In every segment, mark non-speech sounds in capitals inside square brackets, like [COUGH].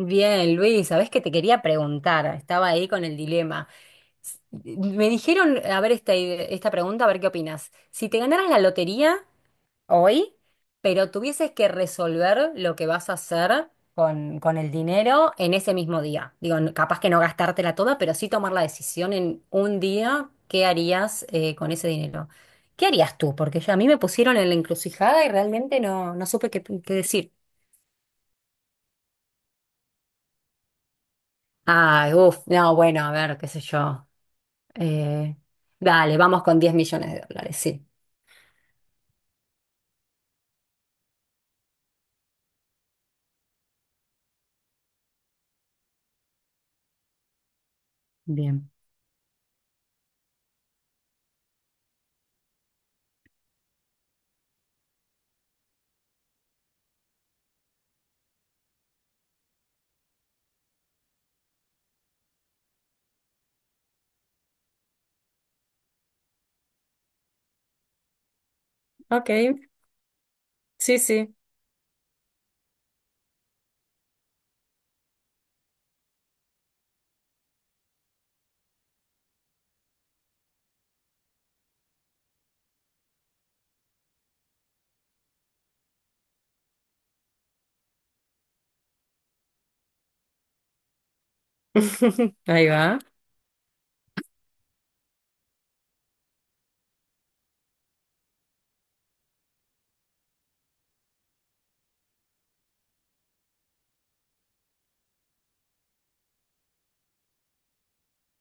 Bien, Luis, sabés que te quería preguntar, estaba ahí con el dilema. Me dijeron, a ver esta, esta pregunta, a ver qué opinas. Si te ganaras la lotería hoy, pero tuvieses que resolver lo que vas a hacer con el dinero en ese mismo día. Digo, capaz que no gastártela toda, pero sí tomar la decisión en un día, ¿qué harías con ese dinero? ¿Qué harías tú? Porque ya a mí me pusieron en la encrucijada y realmente no supe qué decir. Ay, uff, no, bueno, a ver, qué sé yo. Eh, Dale, vamos con 10 millones de dólares, sí. Bien. Ok, sí, sí. [LAUGHS] Ahí va,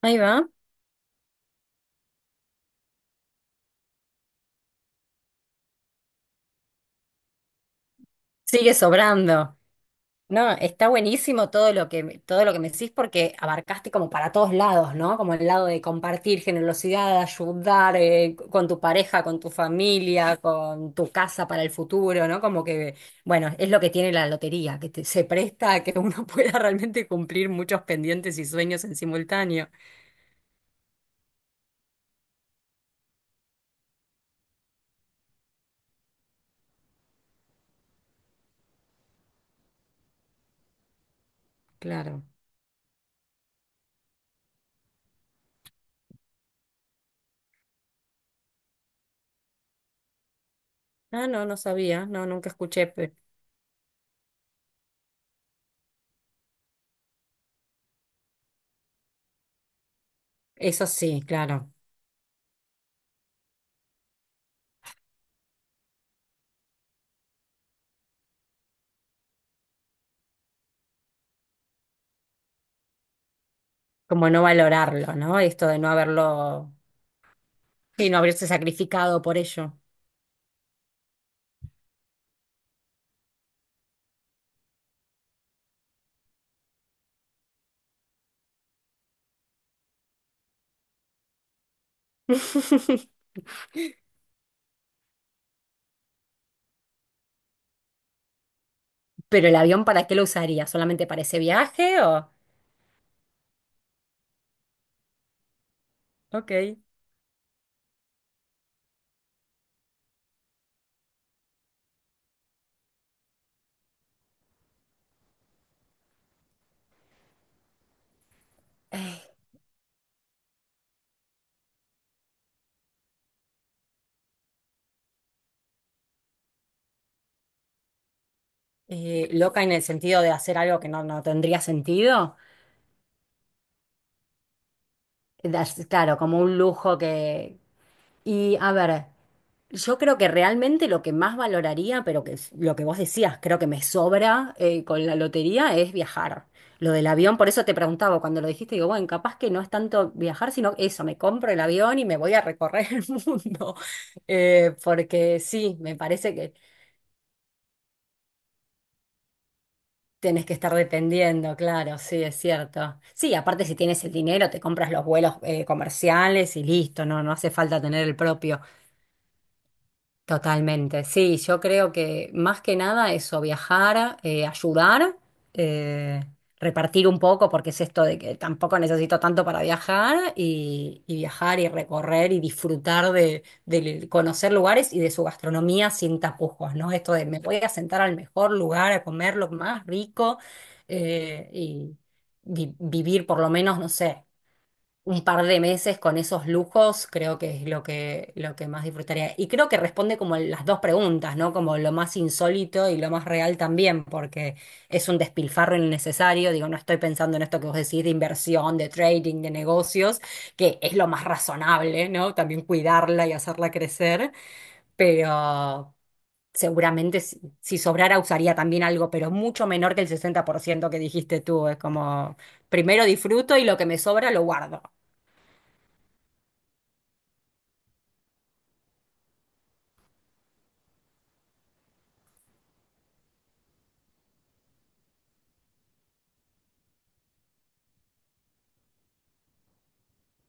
ahí va. Sigue sobrando. No, está buenísimo todo lo que, todo lo que me decís porque abarcaste como para todos lados, ¿no? Como el lado de compartir, generosidad, ayudar, con tu pareja, con tu familia, con tu casa para el futuro, ¿no? Como que, bueno, es lo que tiene la lotería, que se presta a que uno [LAUGHS] pueda realmente cumplir muchos pendientes y sueños en simultáneo. Claro. Ah, no, no sabía, no, nunca escuché. Eso sí, claro, como no valorarlo, ¿no? Esto de no haberlo, y no haberse sacrificado por ello. [LAUGHS] Pero el avión, ¿para qué lo usaría? ¿Solamente para ese viaje o...? Ok. Loca en el sentido de hacer algo que no, no tendría sentido. Claro, como un lujo que... Y a ver. Yo creo que realmente lo que más valoraría, pero que es lo que vos decías, creo que me sobra con la lotería, es viajar. Lo del avión, por eso te preguntaba cuando lo dijiste, digo, bueno, capaz que no es tanto viajar, sino eso, me compro el avión y me voy a recorrer el [LAUGHS] mundo. Porque sí, me parece que tenés que estar dependiendo, claro, sí, es cierto. Sí, aparte si tienes el dinero, te compras los vuelos comerciales y listo, no, no hace falta tener el propio. Totalmente, sí, yo creo que más que nada eso, viajar, ayudar, eh, repartir un poco, porque es esto de que tampoco necesito tanto para viajar y viajar y recorrer y disfrutar de conocer lugares y de su gastronomía sin tapujos, ¿no? Esto de me voy a sentar al mejor lugar a comer lo más rico y vivir por lo menos, no sé un par de meses con esos lujos, creo que es lo que más disfrutaría. Y creo que responde como las dos preguntas, ¿no? Como lo más insólito y lo más real también, porque es un despilfarro innecesario. Digo, no estoy pensando en esto que vos decís de inversión, de trading, de negocios, que es lo más razonable, ¿no? También cuidarla y hacerla crecer, pero seguramente si sobrara usaría también algo, pero mucho menor que el 60% que dijiste tú. Es como, primero disfruto y lo que me sobra lo guardo.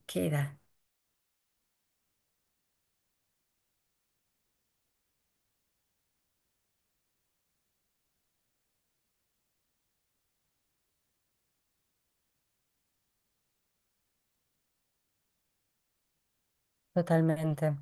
Queda, totalmente.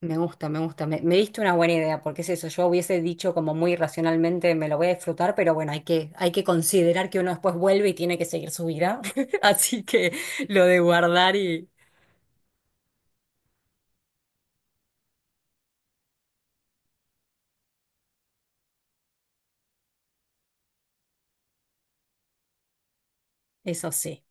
Me gusta, me gusta. Me diste una buena idea, porque es eso. Yo hubiese dicho como muy racionalmente, me lo voy a disfrutar, pero bueno, hay que considerar que uno después vuelve y tiene que seguir su vida. [LAUGHS] Así que lo de guardar y eso sí.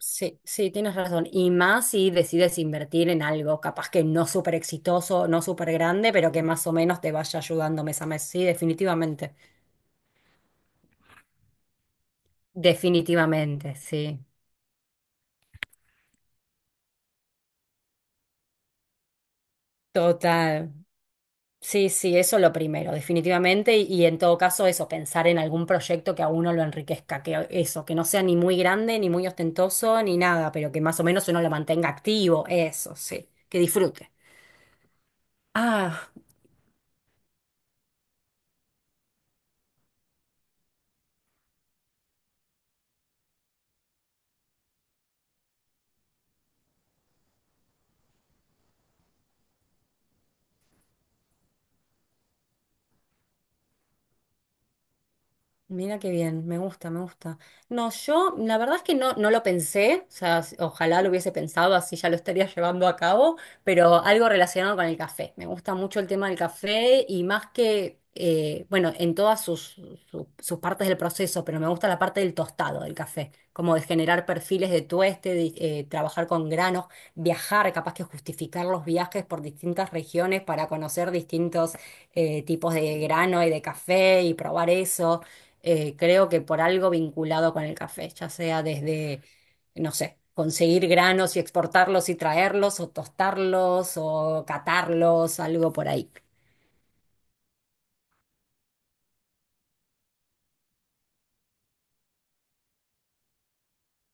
Sí, sí, tienes razón. Y más si decides invertir en algo, capaz que no súper exitoso, no súper grande, pero que más o menos te vaya ayudando mes a mes. Sí, definitivamente. Definitivamente, sí. Total. Sí, sí, eso lo primero, definitivamente, y en todo caso eso, pensar en algún proyecto que a uno lo enriquezca, que eso, que no sea ni muy grande, ni muy ostentoso, ni nada, pero que más o menos uno lo mantenga activo, eso, sí, que disfrute. Ah, mira qué bien, me gusta, me gusta. No, yo la verdad es que no lo pensé, o sea, ojalá lo hubiese pensado, así ya lo estaría [LAUGHS] llevando a cabo, pero algo relacionado con el café. Me gusta mucho el tema del café y más que, bueno, en todas sus, sus partes del proceso, pero me gusta la parte del tostado del café, como de generar perfiles de tueste, de, trabajar con granos, viajar, capaz que justificar los viajes por distintas regiones para conocer distintos tipos de grano y de café y probar eso creo que por algo vinculado con el café, ya sea desde, no sé, conseguir granos y exportarlos y traerlos, o tostarlos, o catarlos, algo por ahí.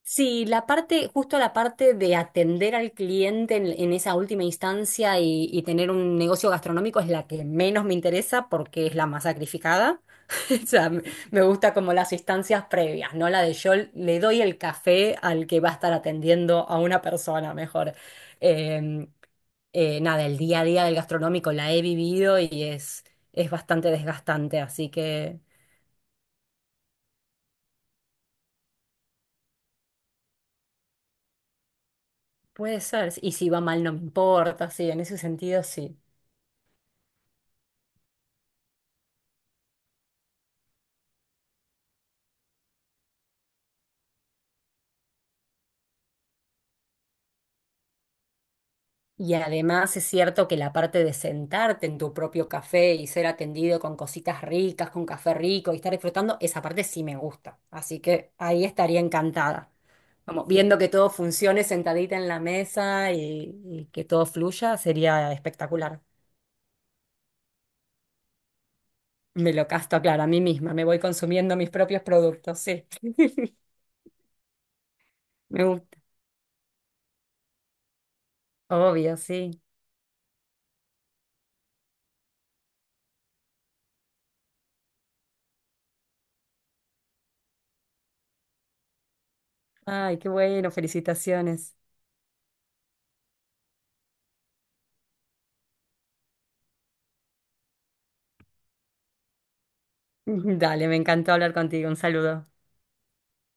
Sí, la parte, justo la parte de atender al cliente en esa última instancia y tener un negocio gastronómico es la que menos me interesa porque es la más sacrificada. [LAUGHS] O sea, me gusta como las instancias previas, ¿no? La de yo le doy el café al que va a estar atendiendo a una persona mejor. Eh, nada, el día a día del gastronómico la he vivido y es bastante desgastante, así que puede ser. Y si va mal no me importa, sí, en ese sentido sí. Y además es cierto que la parte de sentarte en tu propio café y ser atendido con cositas ricas, con café rico y estar disfrutando, esa parte sí me gusta. Así que ahí estaría encantada. Vamos, viendo que todo funcione sentadita en la mesa y que todo fluya, sería espectacular. Me lo casto, claro, a mí misma. Me voy consumiendo mis propios productos, sí. Me gusta. Obvio, sí. Ay, qué bueno, felicitaciones. [LAUGHS] Dale, me encantó hablar contigo. Un saludo.